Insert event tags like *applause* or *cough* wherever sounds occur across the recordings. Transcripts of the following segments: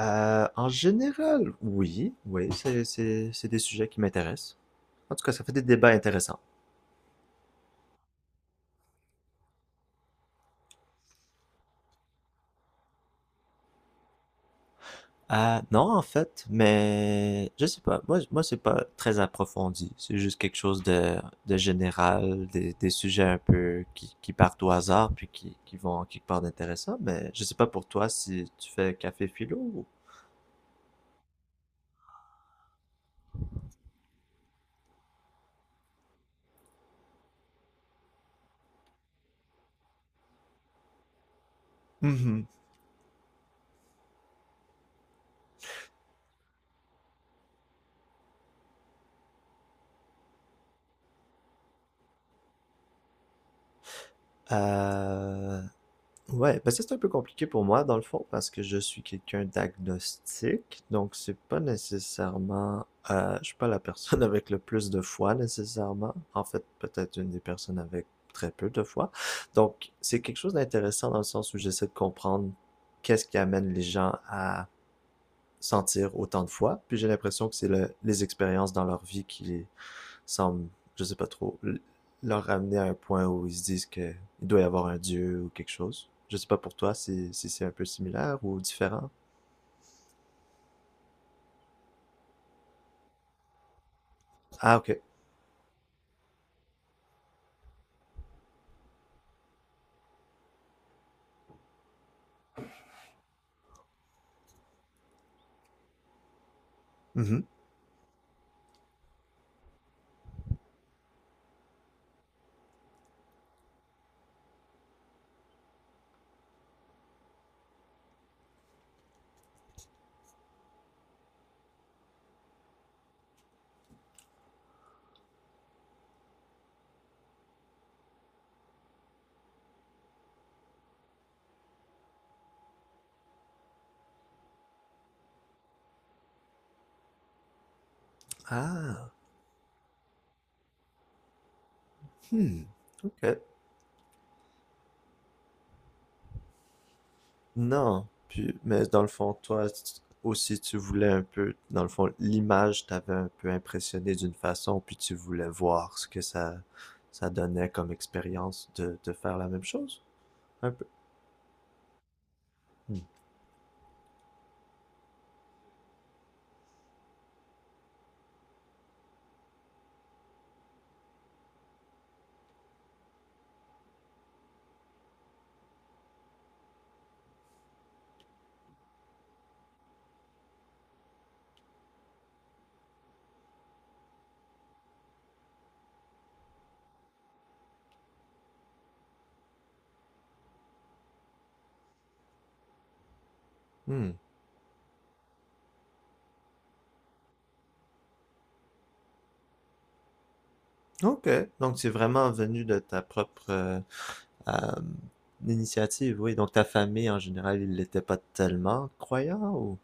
En général, oui, oui, c'est des sujets qui m'intéressent. En tout cas, ça fait des débats intéressants. Ah, non, en fait, mais je sais pas. Moi, c'est pas très approfondi. C'est juste quelque chose de général, des sujets un peu qui partent au hasard puis qui vont quelque part d'intéressant. Mais je sais pas pour toi si tu fais café philo ou. Mhm. Euh, Ouais, ben ça c'est un peu compliqué pour moi dans le fond parce que je suis quelqu'un d'agnostique, donc c'est pas nécessairement, je suis pas la personne *laughs* avec le plus de foi nécessairement. En fait, peut-être une des personnes avec très peu de foi. Donc c'est quelque chose d'intéressant dans le sens où j'essaie de comprendre qu'est-ce qui amène les gens à sentir autant de foi. Puis j'ai l'impression que c'est les expériences dans leur vie qui les, semble, je sais pas trop, leur ramener à un point où ils se disent que il doit y avoir un dieu ou quelque chose. Je sais pas pour toi si, si c'est un peu similaire ou différent. Ah, ok. Mhm. Ah, hmm. Ok. Non. Puis, mais dans le fond, toi si tu- aussi, tu voulais un peu, dans le fond, l'image t'avait un peu impressionné d'une façon, puis tu voulais voir ce que ça donnait comme expérience de faire la même chose, un peu. Hmm. Hmm, OK, donc c'est vraiment venu de ta propre, hem, initiative, oui, donc ta famille en général, ils n'étaient pas tellement croyants ou?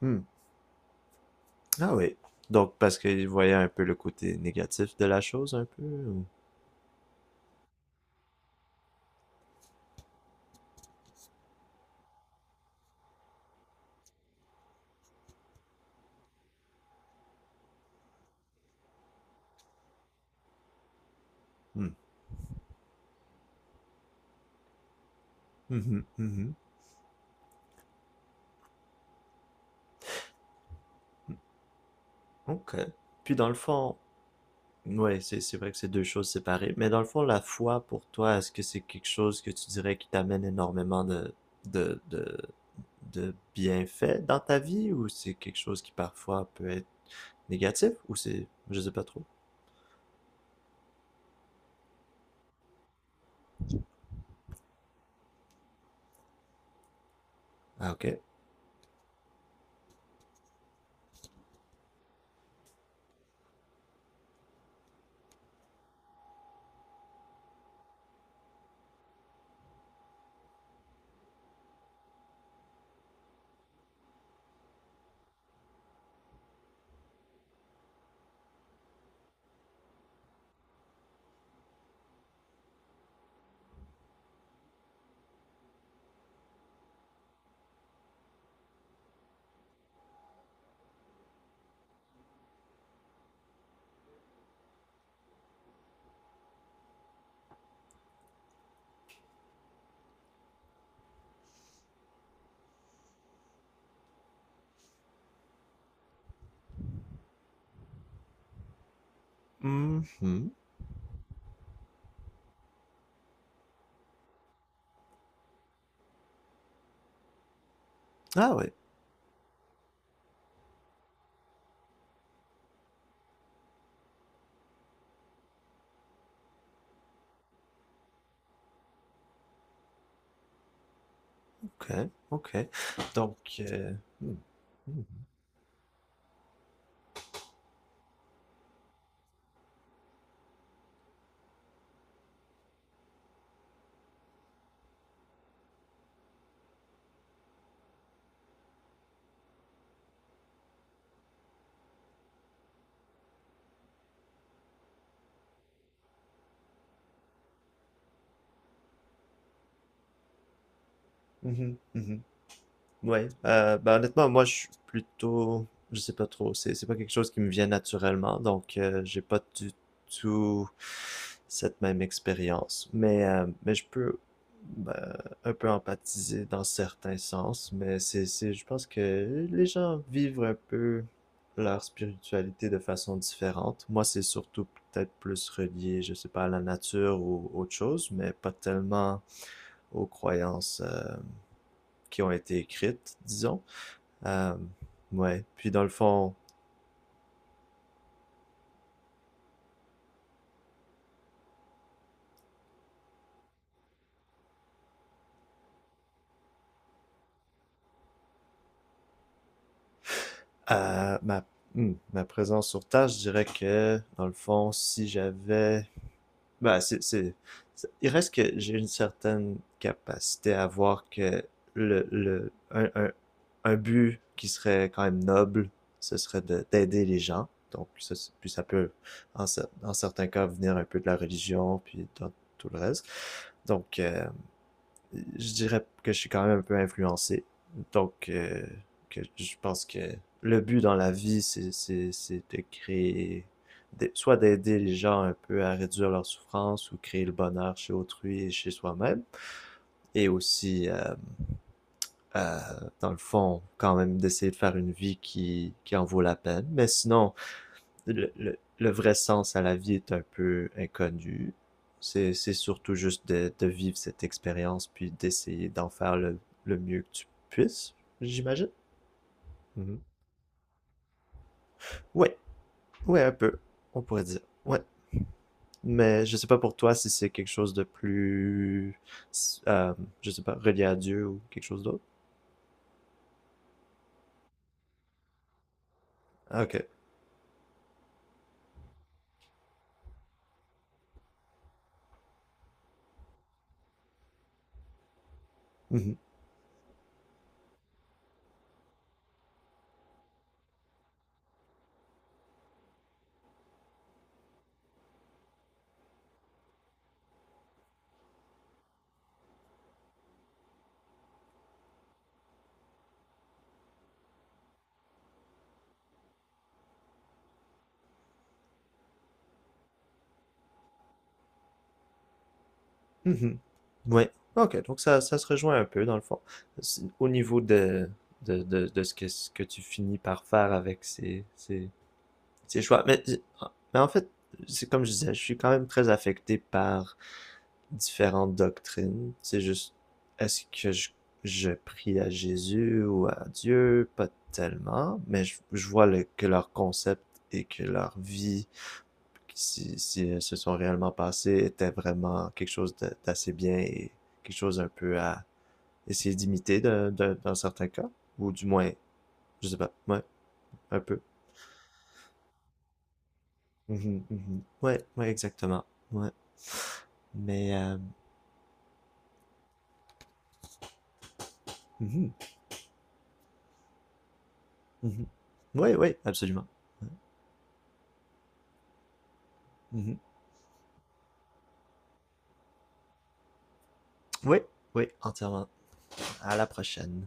Hmm. Ah oui, donc parce qu'ils voyaient un peu le côté négatif de la chose un peu ou? Hmm. Mmh mh. Mmh OK, puis dans le fond. Ouais, c'est vrai que c'est deux choses séparées. Mais dans le fond, la foi pour toi, est-ce que c'est quelque chose que tu dirais qui t'amène énormément de, de, de bienfaits dans ta vie ou c'est quelque chose qui parfois peut être négatif ou c'est, je sais pas trop. Ah, ok. Mhm. Ah ouais, ok, ok. Donc, hmm, hmm, mhm, mhm. Ouais, ben honnêtement, moi je suis plutôt, je sais pas trop, c'est pas quelque chose qui me vient naturellement, donc j'ai pas du tout cette même expérience. Mais je peux ben, un peu empathiser dans certains sens, mais c'est, je pense que les gens vivent un peu leur spiritualité de façon différente. Moi, c'est surtout peut-être plus relié, je sais pas, à la nature ou autre chose, mais pas tellement aux croyances qui ont été écrites, disons. Euh, ouais, puis dans le fond, euh, ma, ma présence sur tâche, je dirais que, dans le fond, si j'avais... Bah, il reste que j'ai une certaine capacité à voir que le, le, un, un, un but qui serait quand même noble, ce serait d'aider les gens. Donc, ça, puis ça peut, en certains cas, venir un peu de la religion, puis dans tout le reste. Donc, je dirais que je suis quand même un peu influencé. Donc, que je pense que le but dans la vie, c'est de créer, soit d'aider les gens un peu à réduire leur souffrance ou créer le bonheur chez autrui et chez soi-même. Et aussi, euh, dans le fond, quand même d'essayer de faire une vie qui en vaut la peine. Mais sinon, le vrai sens à la vie est un peu inconnu. C'est surtout juste de vivre cette expérience puis d'essayer d'en faire le mieux que tu puisses, j'imagine. Mhm. Ouais, ouais, un peu, on pourrait dire. Ouais, mais je sais pas pour toi si c'est quelque chose de plus, euh, je sais pas, relié à Dieu ou quelque chose d'autre. Ah, ok. Mhm. Mhm. Ouais. OK, donc ça se rejoint un peu dans le fond. Au niveau de ce que tu finis par faire avec ces choix. Mais en fait, c'est comme je disais, je suis quand même très affecté par différentes doctrines. C'est juste, est-ce que je prie à Jésus ou à Dieu? Pas tellement, mais je vois que leur concept et que leur vie si, si elles se sont réellement passées était vraiment quelque chose d'assez bien et quelque chose un peu à essayer d'imiter dans certains cas, ou du moins, je sais pas, ouais, un peu. Mhm, mhm. Ouais, ouais, exactement. Ouais. Mais, mhm, mhm. Ouais, ouais, absolument. Ouais, mhm. Ouais, ouais, entièrement. À la prochaine.